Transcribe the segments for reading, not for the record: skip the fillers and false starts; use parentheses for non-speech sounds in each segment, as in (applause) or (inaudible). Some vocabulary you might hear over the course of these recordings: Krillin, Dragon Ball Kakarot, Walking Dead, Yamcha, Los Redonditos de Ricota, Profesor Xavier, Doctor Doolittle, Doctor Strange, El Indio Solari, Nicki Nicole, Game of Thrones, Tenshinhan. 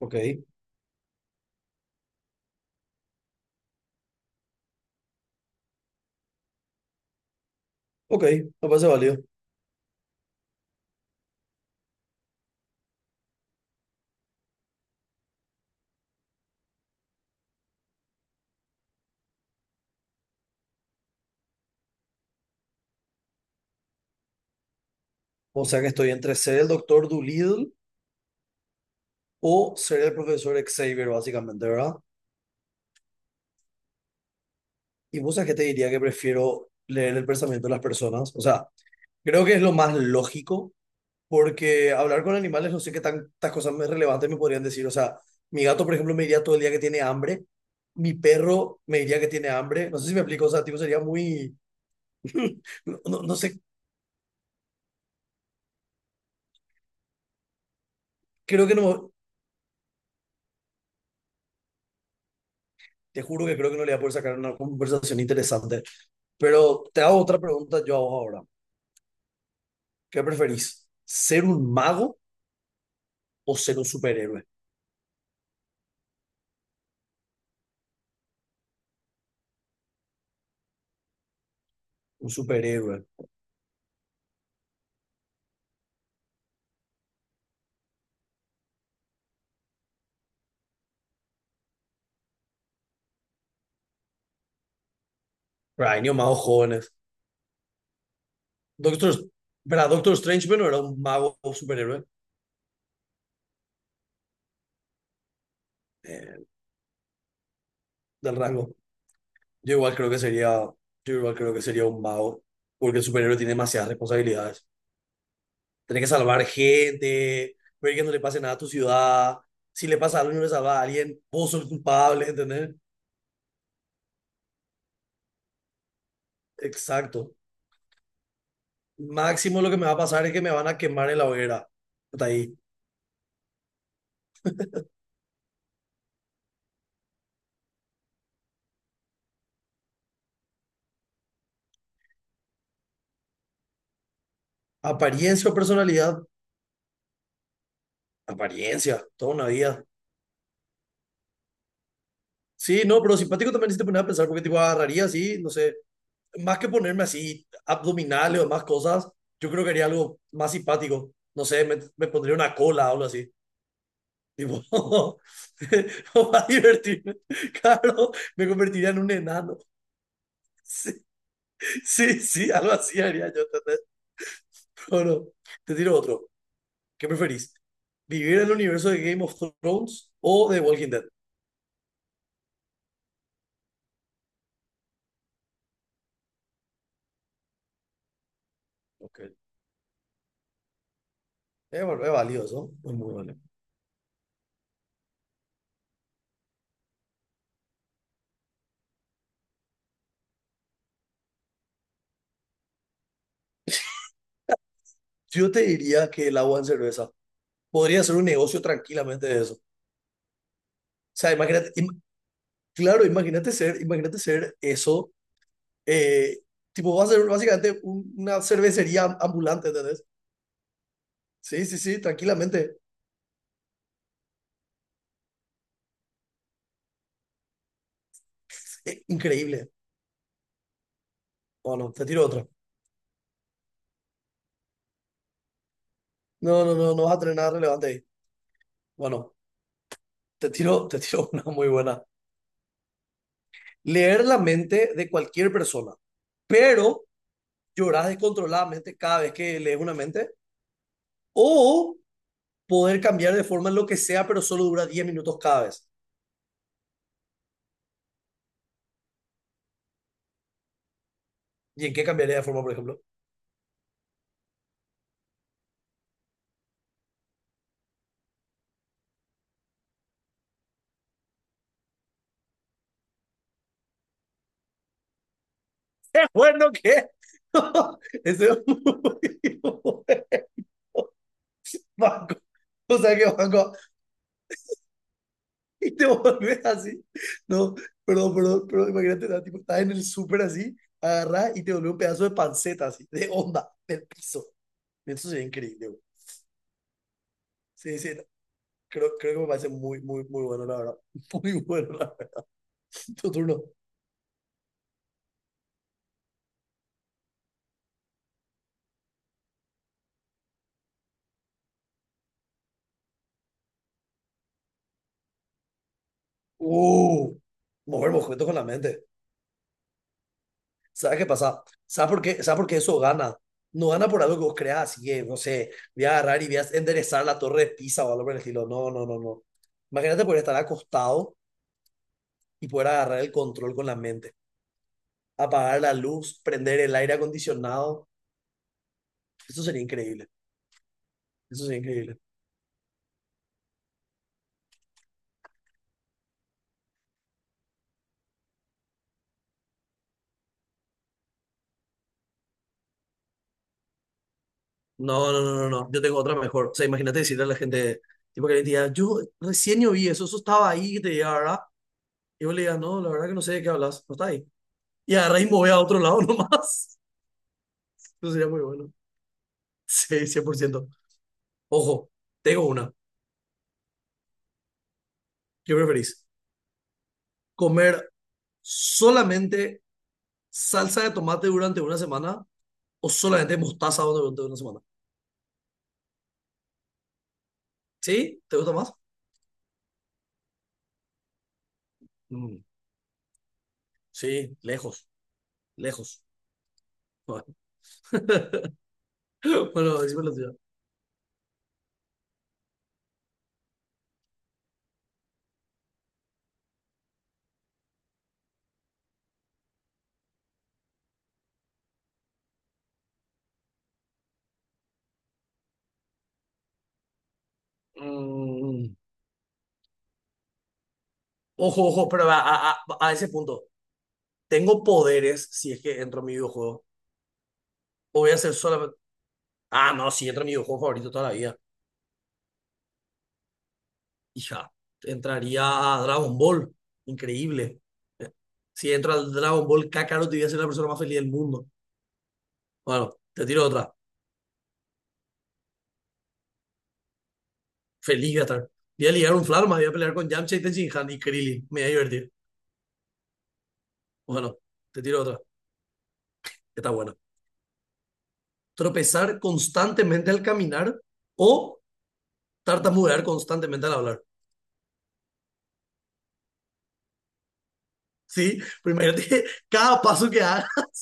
Ok, ok, me parece válido. O sea que estoy entre ser el doctor Doolittle o ser el profesor Xavier, básicamente, ¿verdad? Y vos sabés que te diría que prefiero leer el pensamiento de las personas. O sea, creo que es lo más lógico, porque hablar con animales no sé qué tantas cosas más relevantes me podrían decir. O sea, mi gato, por ejemplo, me diría todo el día que tiene hambre. Mi perro me diría que tiene hambre. No sé si me explico, o sea, tipo, sería muy... (laughs) No, no, no sé, creo que no... Te juro que creo que no le voy a poder sacar una conversación interesante. Pero te hago otra pregunta yo a vos ahora. ¿Qué preferís? ¿Ser un mago o ser un superhéroe? Un superhéroe. Pero hay niños magos jóvenes. Doctor, pero Doctor Strange, bueno, era un mago o superhéroe eh, del rango. Yo igual creo que sería, yo igual creo que sería un mago, porque el superhéroe tiene demasiadas responsabilidades. Tienes que salvar gente, ver que no le pase nada a tu ciudad. Si le pasa algo y no le salva a alguien, vos sos culpable, ¿entendés? Exacto. Máximo lo que me va a pasar es que me van a quemar en la hoguera. Hasta ahí. ¿Apariencia o personalidad? Apariencia, toda una vida. Sí, no, pero simpático también si te pones a pensar, porque tipo agarraría así, no sé, más que ponerme así abdominales o más cosas, yo creo que haría algo más simpático. No sé, me pondría una cola o algo así. Tipo, (laughs) para divertirme. Claro, me convertiría en un enano. (laughs) Sí, sí, sí, algo así haría yo, ¿entendés? O no, te tiro otro. ¿Qué preferís? ¿Vivir en el universo de Game of Thrones o de Walking Dead? Ok. Es, val- es valioso, es muy valioso. Yo te diría que el agua en cerveza. Podría ser un negocio tranquilamente de eso. O sea, imagínate, im- claro, imagínate ser eso. eh, tipo, va a ser básicamente un- una cervecería am- ambulante, ¿entendés? Sí, sí, sí, tranquilamente. Increíble. Bueno, te tiro otra. No, no, no, no vas a tener nada relevante ahí. Bueno, te tiro (laughs) una muy buena. Leer la mente de cualquier persona pero llorar descontroladamente cada vez que lees una mente, o poder cambiar de forma en lo que sea, pero solo dura 10 minutos cada vez. ¿Y en qué cambiaría de forma, por ejemplo? (laughs) ¡Es bueno que! (laughs) Eso es muy bueno. Banco. O sea que banco. Y te volvés así. No, perdón, perdón, pero imagínate, ¿no? Tipo, estás en el súper así, agarrás y te volvés un pedazo de panceta así, de onda, del piso. Eso sería increíble, güey. Sí, sí, creo que me parece muy bueno, la verdad. (laughs) Muy bueno, la verdad. Tu turno. Uh, mover objetos con la mente. ¿Sabes qué pasa? ¿Sabes por qué eso gana? No gana por algo que vos creas, así que, no sé, voy a agarrar y voy a enderezar la torre de Pisa o algo por el estilo. No, no, no, no. Imagínate poder estar acostado y poder agarrar el control con la mente. Apagar la luz, prender el aire acondicionado. Eso sería increíble. Eso sería increíble. No, no, no, no, no. Yo tengo otra mejor. O sea, imagínate decirle a la gente, tipo que le diga, yo recién yo vi eso, eso estaba ahí, que te diga, ¿verdad? Y vos le digas, no, la verdad que no sé de qué hablas, no está ahí. Y agarrá y mover a otro lado (laughs) nomás. Eso sería muy bueno. Sí, 100%. Ojo, tengo una. ¿Qué preferís? ¿Comer solamente salsa de tomate durante una semana o solamente mostaza durante una semana? ¿Sí? ¿Te gusta más? Mm, sí, lejos, lejos. (laughs) Bueno, decime la tuya. Mm, Ojo, ojo, pero a ese punto, ¿tengo poderes si es que entro a mi videojuego? ¿O voy a ser solamente... Ah, no, si entro a mi videojuego favorito toda la vida. Hija, entraría a Dragon Ball. Increíble. Eh, Si entro al Dragon Ball Kakarot, voy a ser la persona más feliz del mundo. Bueno, te tiro otra. Feliz voy a estar. Voy a ligar un Flarma, voy a pelear con Yamcha y Tenshinhan y Krillin. Me voy a divertir. Bueno, te tiro otra. Que Está buena. Tropezar constantemente al caminar o tartamudear constantemente al hablar. Sí, pero imagínate (laughs) cada paso que haga. (laughs)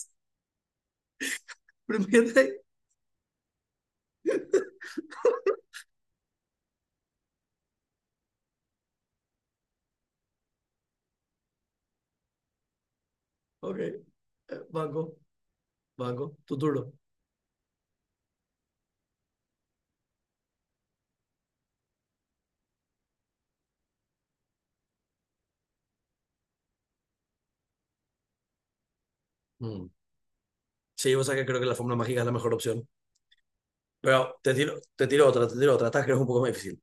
Pero imagínate. Ok. Banco, banco, tu turno. Mm. Sí, o sea que creo que la fórmula mágica es la mejor opción. Pero te tiro otra. Esta creo que es un poco más difícil.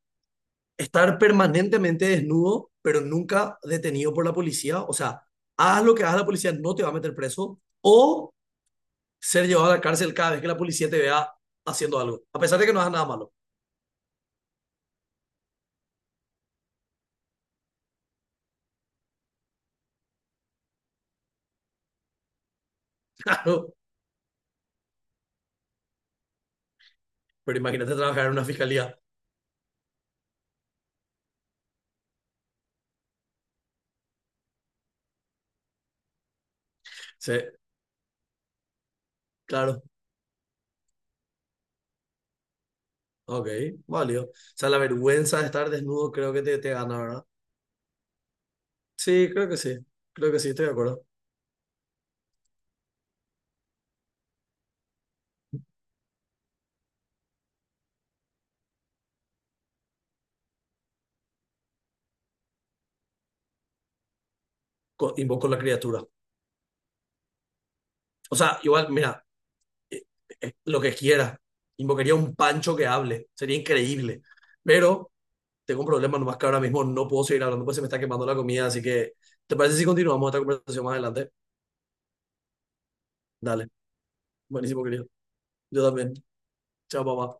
Estar permanentemente desnudo, pero nunca detenido por la policía. O sea, haz lo que hagas, la policía no te va a meter preso. O ser llevado a la cárcel cada vez que la policía te vea haciendo algo, a pesar de que no hagas nada malo. (laughs) Claro. Pero imagínate trabajar en una fiscalía. Sí, claro. Ok, válido. O sea, la vergüenza de estar desnudo creo que te gana, ¿verdad? Sí, creo que sí. Creo que sí, estoy de acuerdo. Co- invoco la criatura. O sea, igual, mira, eh, lo que quiera. Invocaría un pancho que hable. Sería increíble. Pero tengo un problema nomás que ahora mismo no puedo seguir hablando, pues se me está quemando la comida. Así que, ¿te parece si continuamos esta conversación más adelante? Dale. Buenísimo, querido. Yo también. Chao, papá.